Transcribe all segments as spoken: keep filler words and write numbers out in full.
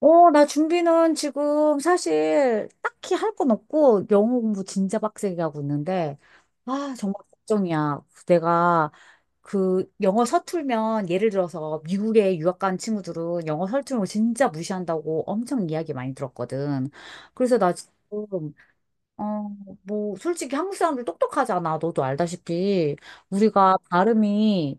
어, 나 준비는 지금 사실 딱히 할 건 없고 영어 공부 진짜 빡세게 하고 있는데, 아, 정말 걱정이야. 내가 그 영어 서툴면 예를 들어서 미국에 유학 간 친구들은 영어 서툴면 진짜 무시한다고 엄청 이야기 많이 들었거든. 그래서 나 지금 어, 뭐, 솔직히 한국 사람들 똑똑하잖아. 너도 알다시피. 우리가 발음이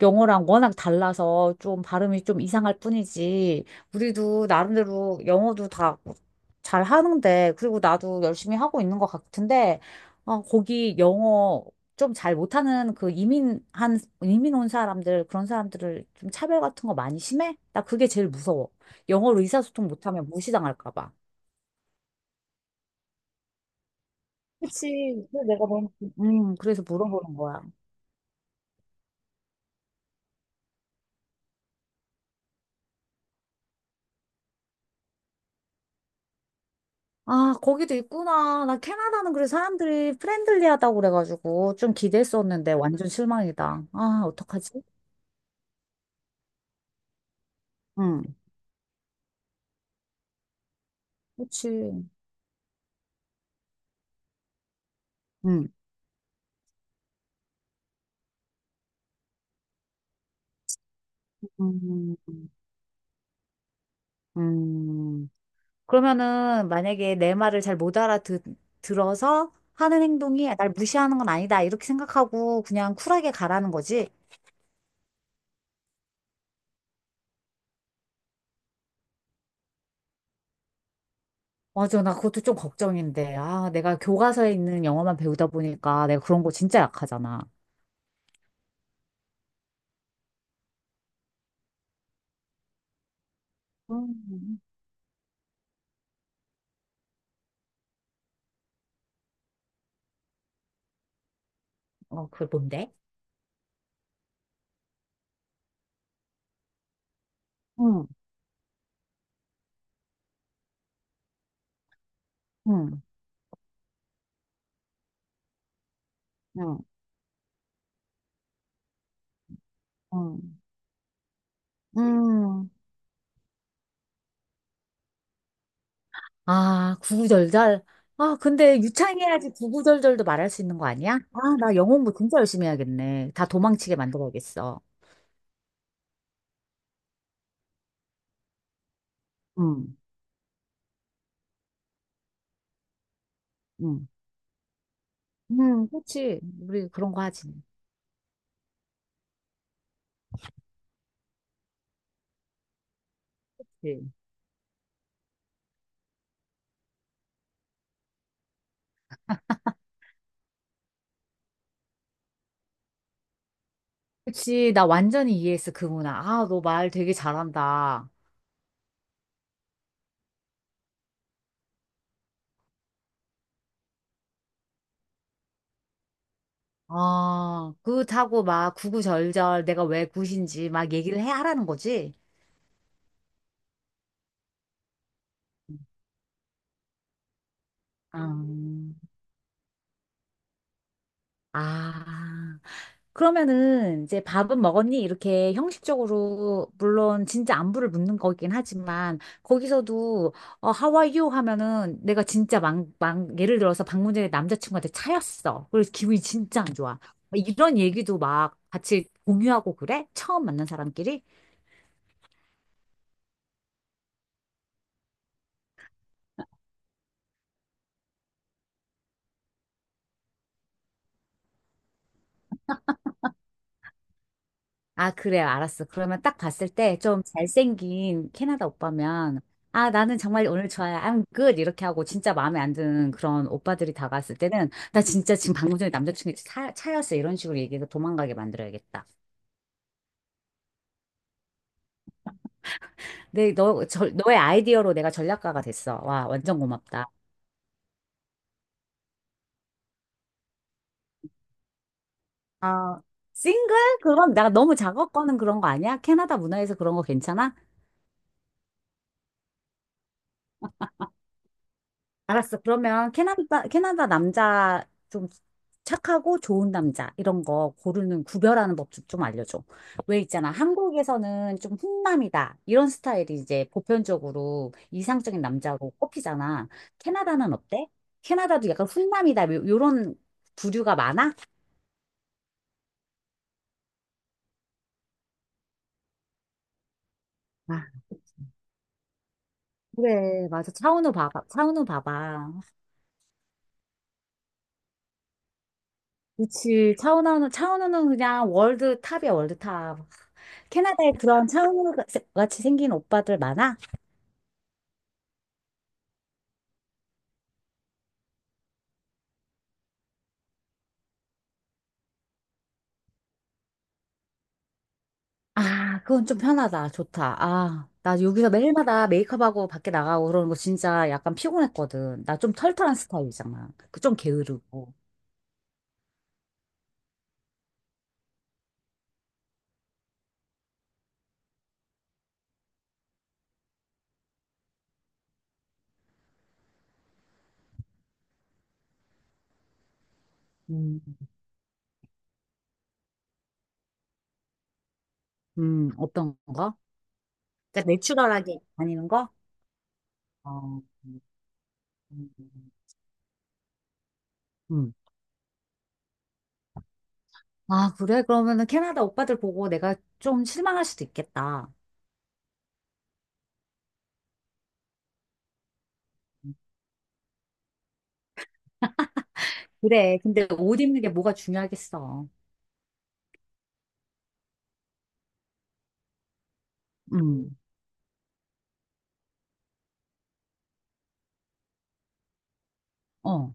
영어랑 워낙 달라서 좀 발음이 좀 이상할 뿐이지. 우리도 나름대로 영어도 다 잘 하는데, 그리고 나도 열심히 하고 있는 것 같은데, 아, 거기 영어 좀 잘 못하는 그 이민한, 이민 온 사람들, 그런 사람들을 좀 차별 같은 거 많이 심해? 나 그게 제일 무서워. 영어로 의사소통 못하면 무시당할까 봐. 그치. 그래서 내가 너무, 음, 그래서 물어보는 거야. 아, 거기도 있구나. 나 캐나다는 그래 사람들이 프렌들리하다고 그래가지고 좀 기대했었는데 완전 실망이다. 아, 어떡하지? 응, 그치. 응. 음, 음. 그러면은 만약에 내 말을 잘 못 알아듣, 들어서 하는 행동이 날 무시하는 건 아니다. 이렇게 생각하고 그냥 쿨하게 가라는 거지. 맞아, 나 그것도 좀 걱정인데. 아, 내가 교과서에 있는 영어만 배우다 보니까 내가 그런 거 진짜 약하잖아. 음, 어, 그걸 뭔데? 응 응 응 응 음. 아, 구구절절. 아, 근데 유창해야지 구구절절도 말할 수 있는 거 아니야? 아, 나 영어 공부 진짜 열심히 해야겠네. 다 도망치게 만들어야겠어. 응 응 응 그렇지. 우리 그런 거 하지. 그치. 그치. 나 완전히 이해했어, 그 문화. 아, 너 말 되게 잘한다. 아, 굿하고 막 구구절절 내가 왜 굿인지 막 얘기를 해 하라는 거지? 아, 아. 그러면은 이제 밥은 먹었니? 이렇게 형식적으로 물론 진짜 안부를 묻는 거긴 하지만 거기서도 어, How are you? 하면은 내가 진짜 막, 막 예를 들어서 방문자의 남자친구한테 차였어. 그래서 기분이 진짜 안 좋아. 이런 얘기도 막 같이 공유하고 그래? 처음 만난 사람끼리? 아, 그래, 알았어. 그러면 딱 봤을 때 좀 잘생긴 캐나다 오빠면, 아, 나는 정말 오늘 좋아요. I'm good. 이렇게 하고 진짜 마음에 안 드는 그런 오빠들이 다가왔을 때는, 나 진짜 지금 방금 전에 남자친구 차, 차였어. 이런 식으로 얘기해서 도망가게 만들어야겠다. 네, 너, 저, 너의 아이디어로 내가 전략가가 됐어. 와, 완전 고맙다. 아, 싱글? 그럼 나 너무 작업 거는 그런 거 아니야? 캐나다 문화에서 그런 거 괜찮아? 알았어. 그러면 캐나다, 캐나다 남자 좀 착하고 좋은 남자 이런 거 고르는 구별하는 법 좀 알려줘. 왜 있잖아. 한국에서는 좀 훈남이다. 이런 스타일이 이제 보편적으로 이상적인 남자로 꼽히잖아. 캐나다는 어때? 캐나다도 약간 훈남이다. 요- 요런 부류가 많아? 아, 그래. 맞아. 차은우 봐봐. 차은우 봐봐. 그치. 차은우는, 차은우는 그냥 월드탑이야, 월드탑. 캐나다에 그런 차은우 같이 생긴 오빠들 많아? 아, 그건 좀 편하다. 좋다. 아, 나 여기서 매일마다 메이크업하고 밖에 나가고 그러는 거 진짜 약간 피곤했거든. 나 좀 털털한 스타일이잖아. 그 좀 게으르고. 음, 음, 어떤 거? 그러니까 내추럴하게 다니는 거? 어, 음. 음. 음. 아, 그래? 그러면은 캐나다 오빠들 보고 내가 좀 실망할 수도 있겠다. 그래. 근데 옷 입는 게 뭐가 중요하겠어. 음. 어.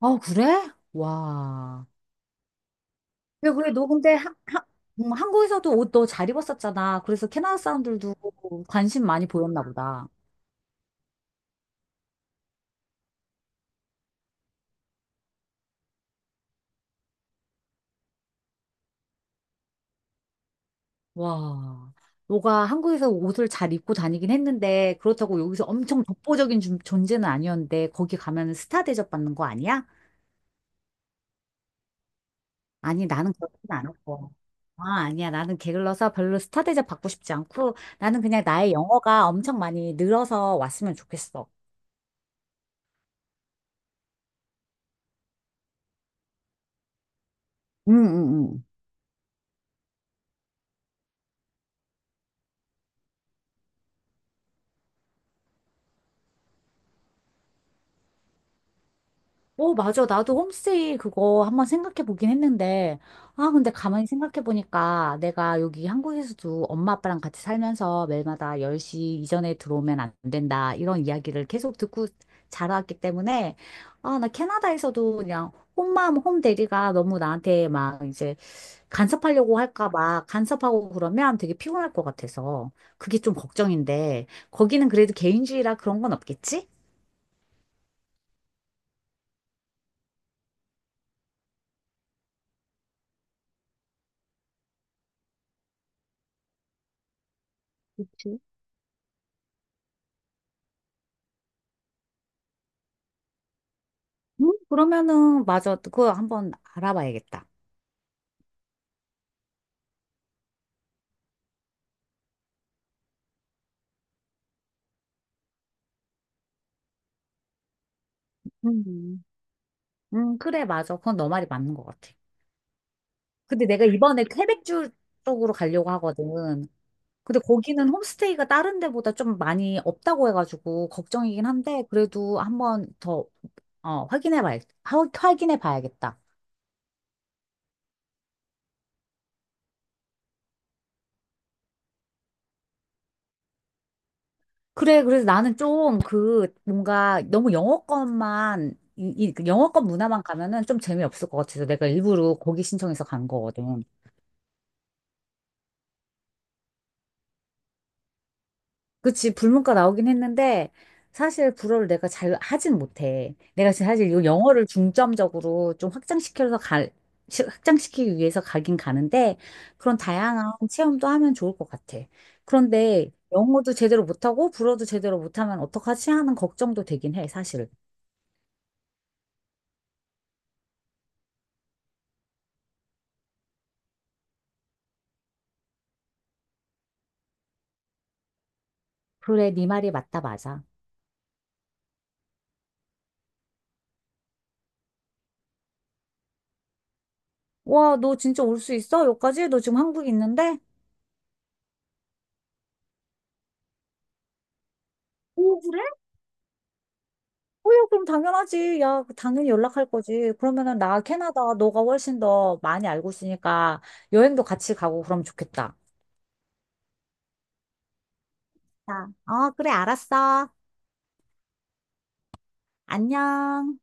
어, 그래? 와. 그래, 그래. 너 근데 한, 한, 음, 한국에서도 옷 너 잘 입었었잖아. 그래서 캐나다 사람들도 관심 많이 보였나 보다. 와. 너가 한국에서 옷을 잘 입고 다니긴 했는데, 그렇다고 여기서 엄청 독보적인 준- 존재는 아니었는데, 거기 가면 스타 대접받는 거 아니야? 아니, 나는 그렇진 않았고. 아, 아니야. 나는 게을러서 별로 스타 대접 받고 싶지 않고, 나는 그냥 나의 영어가 엄청 많이 늘어서 왔으면 좋겠어. 응, 응, 응. 오, 맞아. 나도 홈스테이 그거 한번 생각해 보긴 했는데, 아, 근데 가만히 생각해 보니까 내가 여기 한국에서도 엄마 아빠랑 같이 살면서 매일마다 열 시 이전에 들어오면 안 된다. 이런 이야기를 계속 듣고 자라왔기 때문에, 아, 나 캐나다에서도 그냥 홈맘, 홈데리가 너무 나한테 막 이제 간섭하려고 할까 봐 간섭하고 그러면 되게 피곤할 것 같아서 그게 좀 걱정인데 거기는 그래도 개인주의라 그런 건 없겠지? 그치? 음, 그러면은 맞아. 그거 한번 알아봐야겠다. 음. 음, 그래, 맞아. 그건 너 말이 맞는 것 같아. 근데 내가 이번에 퀘벡주 쪽으로 가려고 하거든. 근데 거기는 홈스테이가 다른 데보다 좀 많이 없다고 해가지고 걱정이긴 한데, 그래도 한번 더, 어, 확인해 봐야, 확인해 봐야겠다. 그래, 그래서 나는 좀 그 뭔가 너무 영어권만, 이, 이- 그 영어권 문화만 가면은 좀 재미없을 것 같아서 내가 일부러 거기 신청해서 간 거거든. 그치, 불문과 나오긴 했는데 사실 불어를 내가 잘 하진 못해. 내가 지금 사실 이 영어를 중점적으로 좀 확장시켜서 갈, 시- 확장시키기 위해서 가긴 가는데 그런 다양한 체험도 하면 좋을 것 같아. 그런데 영어도 제대로 못하고 불어도 제대로 못하면 어떡하지 하는 걱정도 되긴 해, 사실. 그래, 네 말이 맞다, 맞아. 와, 너 진짜 올 수 있어? 여기까지? 너 지금 한국에 있는데? 오, 그래? 어, 야, 그럼 당연하지. 야, 당연히 연락할 거지. 그러면은 나 캐나다 너가 훨씬 더 많이 알고 있으니까 여행도 같이 가고 그러면 좋겠다. 아, 어, 그래, 알았어. 안녕.